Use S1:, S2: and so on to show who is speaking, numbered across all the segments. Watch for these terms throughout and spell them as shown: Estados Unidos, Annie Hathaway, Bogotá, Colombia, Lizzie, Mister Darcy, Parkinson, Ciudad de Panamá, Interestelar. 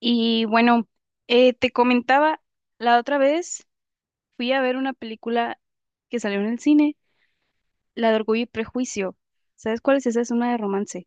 S1: Y bueno, te comentaba, la otra vez fui a ver una película que salió en el cine, la de Orgullo y Prejuicio. ¿Sabes cuál es esa? Es una de romance.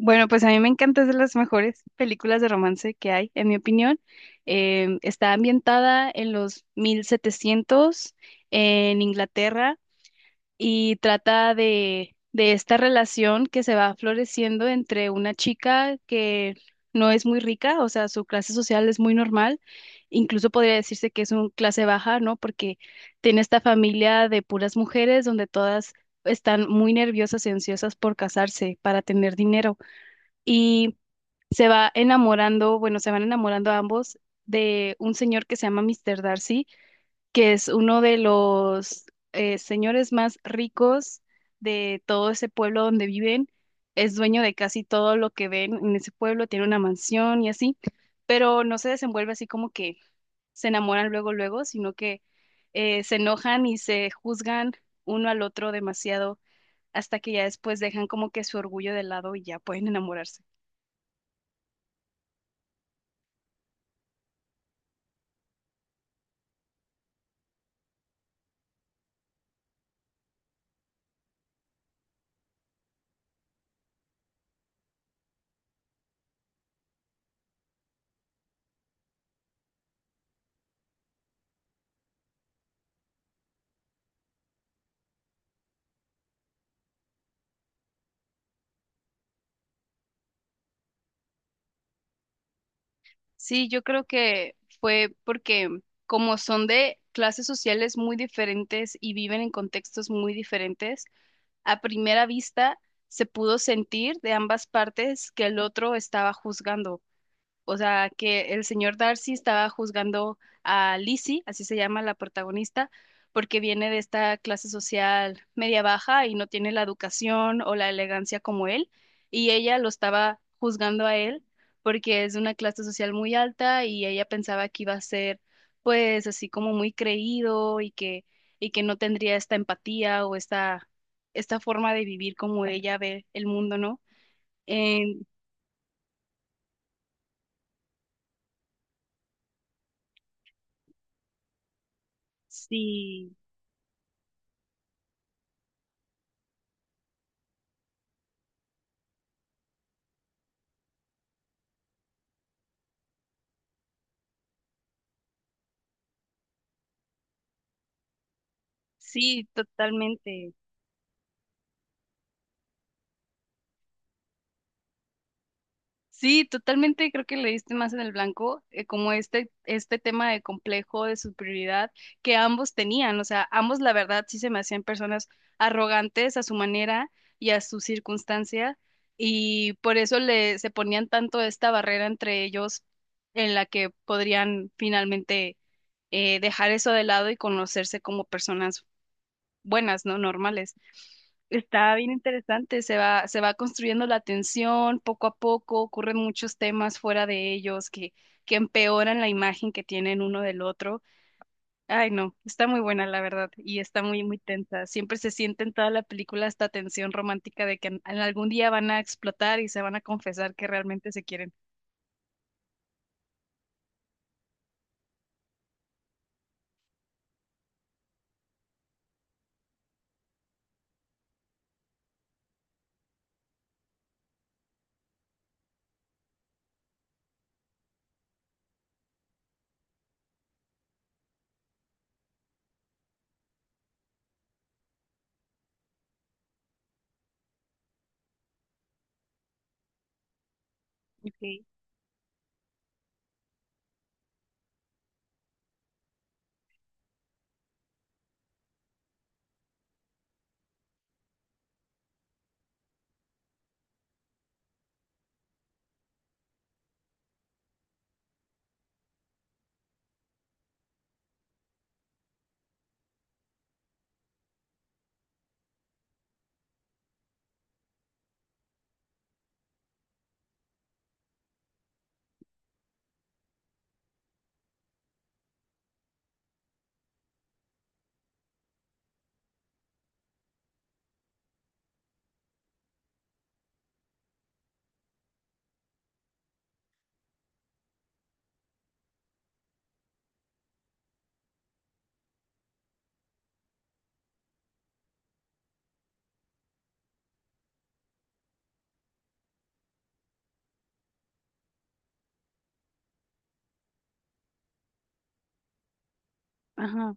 S1: Bueno, pues a mí me encanta, es de las mejores películas de romance que hay, en mi opinión. Está ambientada en los 1700 en Inglaterra y trata de esta relación que se va floreciendo entre una chica que no es muy rica, o sea, su clase social es muy normal, incluso podría decirse que es una clase baja, ¿no? Porque tiene esta familia de puras mujeres donde todas están muy nerviosas y ansiosas por casarse, para tener dinero. Y se va enamorando, bueno, se van enamorando ambos de un señor que se llama Mister Darcy, que es uno de los señores más ricos de todo ese pueblo donde viven. Es dueño de casi todo lo que ven en ese pueblo, tiene una mansión y así, pero no se desenvuelve así como que se enamoran luego, luego, sino que se enojan y se juzgan uno al otro demasiado hasta que ya después dejan como que su orgullo de lado y ya pueden enamorarse. Sí, yo creo que fue porque como son de clases sociales muy diferentes y viven en contextos muy diferentes, a primera vista se pudo sentir de ambas partes que el otro estaba juzgando, o sea, que el señor Darcy estaba juzgando a Lizzie, así se llama la protagonista, porque viene de esta clase social media baja y no tiene la educación o la elegancia como él, y ella lo estaba juzgando a él porque es de una clase social muy alta y ella pensaba que iba a ser pues así como muy creído y que no tendría esta empatía o esta forma de vivir como ella ve el mundo, ¿no? En, sí, sí, totalmente. Sí, totalmente creo que le diste más en el blanco, como este tema de complejo, de superioridad que ambos tenían. O sea, ambos la verdad sí se me hacían personas arrogantes a su manera y a su circunstancia, y por se ponían tanto esta barrera entre ellos en la que podrían finalmente dejar eso de lado y conocerse como personas buenas, ¿no? Normales. Está bien interesante, se va construyendo la tensión poco a poco, ocurren muchos temas fuera de ellos que empeoran la imagen que tienen uno del otro. Ay, no, está muy buena la verdad y está muy, muy tensa. Siempre se siente en toda la película esta tensión romántica de que en algún día van a explotar y se van a confesar que realmente se quieren. Ok. Ajá.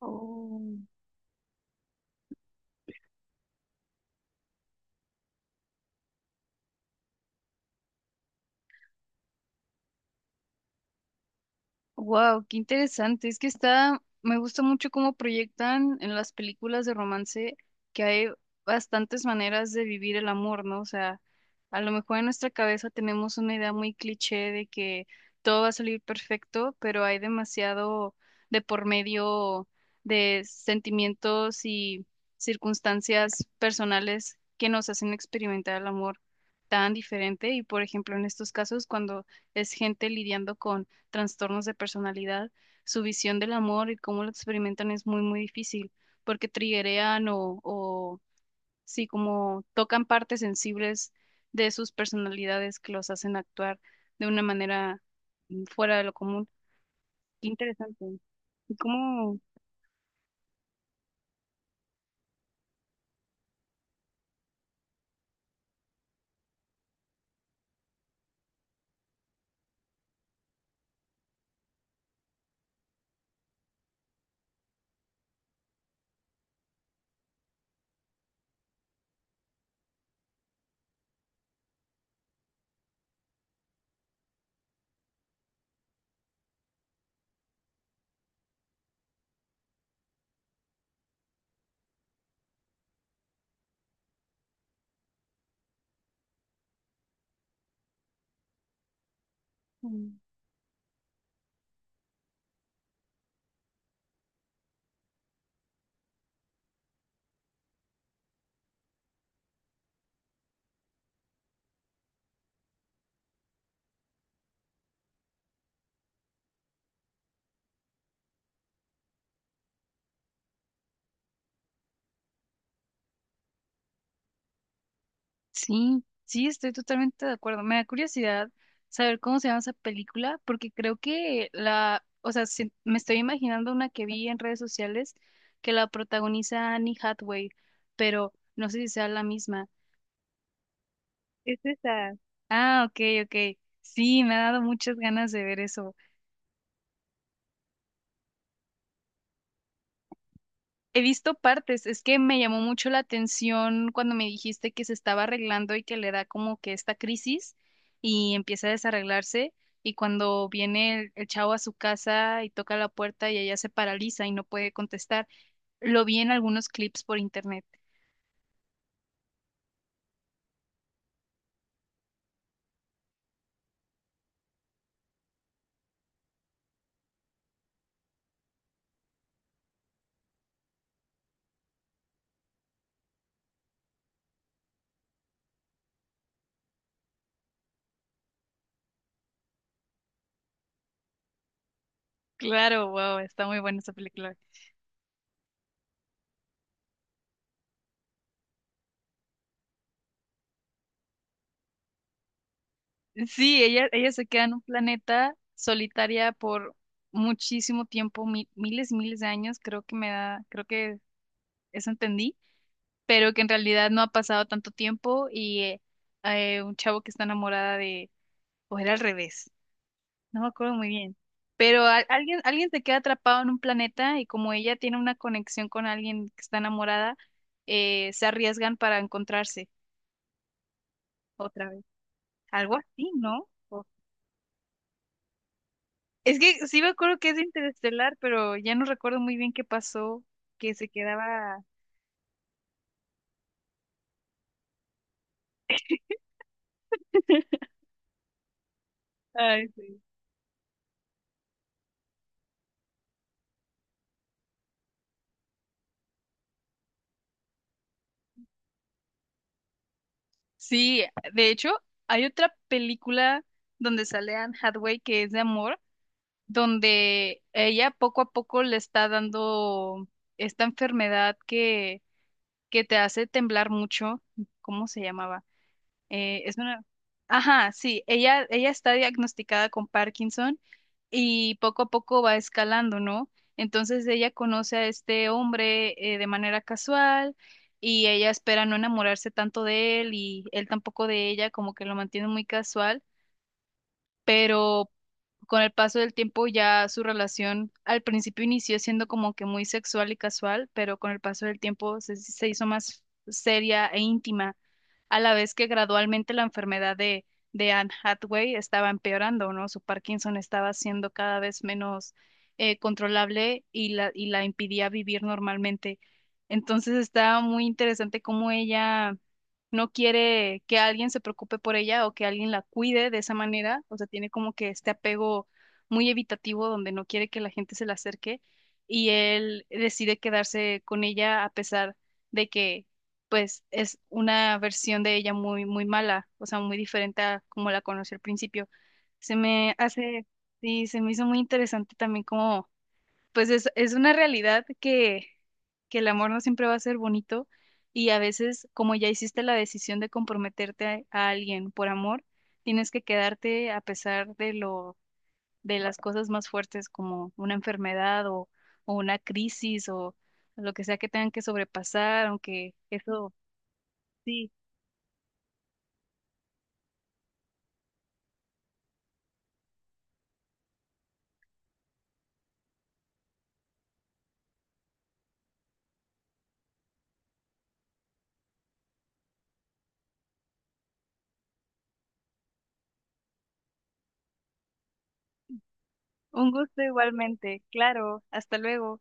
S1: Oh. Wow, qué interesante. Es que está, me gusta mucho cómo proyectan en las películas de romance que hay bastantes maneras de vivir el amor, ¿no? O sea, a lo mejor en nuestra cabeza tenemos una idea muy cliché de que todo va a salir perfecto, pero hay demasiado de por medio de sentimientos y circunstancias personales que nos hacen experimentar el amor tan diferente. Y por ejemplo, en estos casos, cuando es gente lidiando con trastornos de personalidad, su visión del amor y cómo lo experimentan es muy, muy difícil, porque triggerean o sí, como tocan partes sensibles de sus personalidades que los hacen actuar de una manera, fuera de lo común. Qué interesante. ¿Y cómo? mm, Sí, sí, estoy totalmente de acuerdo. Me da curiosidad saber cómo se llama esa película, porque creo que o sea, me estoy imaginando una que vi en redes sociales que la protagoniza Annie Hathaway, pero no sé si sea la misma. Es esa. Ah, ok, ok. Sí, me ha dado muchas ganas de ver eso. He visto partes, es que me llamó mucho la atención cuando me dijiste que se estaba arreglando y que le da como que esta crisis y empieza a desarreglarse y cuando viene el chavo a su casa y toca la puerta y ella se paraliza y no puede contestar. Lo vi en algunos clips por internet. Claro, wow, está muy buena esa película. Sí, ella se queda en un planeta solitaria por muchísimo tiempo, miles y miles de años, creo que me da, creo que eso entendí, pero que en realidad no ha pasado tanto tiempo y un chavo que está enamorada de, o era al revés, no me acuerdo muy bien, pero alguien, alguien se queda atrapado en un planeta y como ella tiene una conexión con alguien que está enamorada, se arriesgan para encontrarse otra vez. Algo así, ¿no? O- Es que sí me acuerdo que es de Interestelar, pero ya no recuerdo muy bien qué pasó, que se quedaba... Ay, sí. Sí, de hecho, hay otra película donde sale Anne Hathaway que es de amor, donde ella poco a poco le está dando esta enfermedad que te hace temblar mucho. ¿Cómo se llamaba? Es una... Ajá, sí, ella está diagnosticada con Parkinson y poco a poco va escalando, ¿no? Entonces ella conoce a este hombre, de manera casual y ella espera no enamorarse tanto de él y él tampoco de ella, como que lo mantiene muy casual, pero con el paso del tiempo ya su relación al principio inició siendo como que muy sexual y casual, pero con el paso del tiempo se hizo más seria e íntima a la vez que gradualmente la enfermedad de Anne Hathaway estaba empeorando, ¿no? Su Parkinson estaba siendo cada vez menos controlable y y la impidía vivir normalmente. Entonces está muy interesante cómo ella no quiere que alguien se preocupe por ella o que alguien la cuide de esa manera, o sea, tiene como que este apego muy evitativo donde no quiere que la gente se le acerque y él decide quedarse con ella a pesar de que pues es una versión de ella muy, muy mala, o sea, muy diferente a como la conocí al principio. Se me hace, sí, se me hizo muy interesante también como, pues es una realidad que el amor no siempre va a ser bonito y a veces como ya hiciste la decisión de comprometerte a alguien por amor, tienes que quedarte a pesar de de las cosas más fuertes como una enfermedad o una crisis o lo que sea que tengan que sobrepasar, aunque eso... Sí, un gusto igualmente. Claro, hasta luego.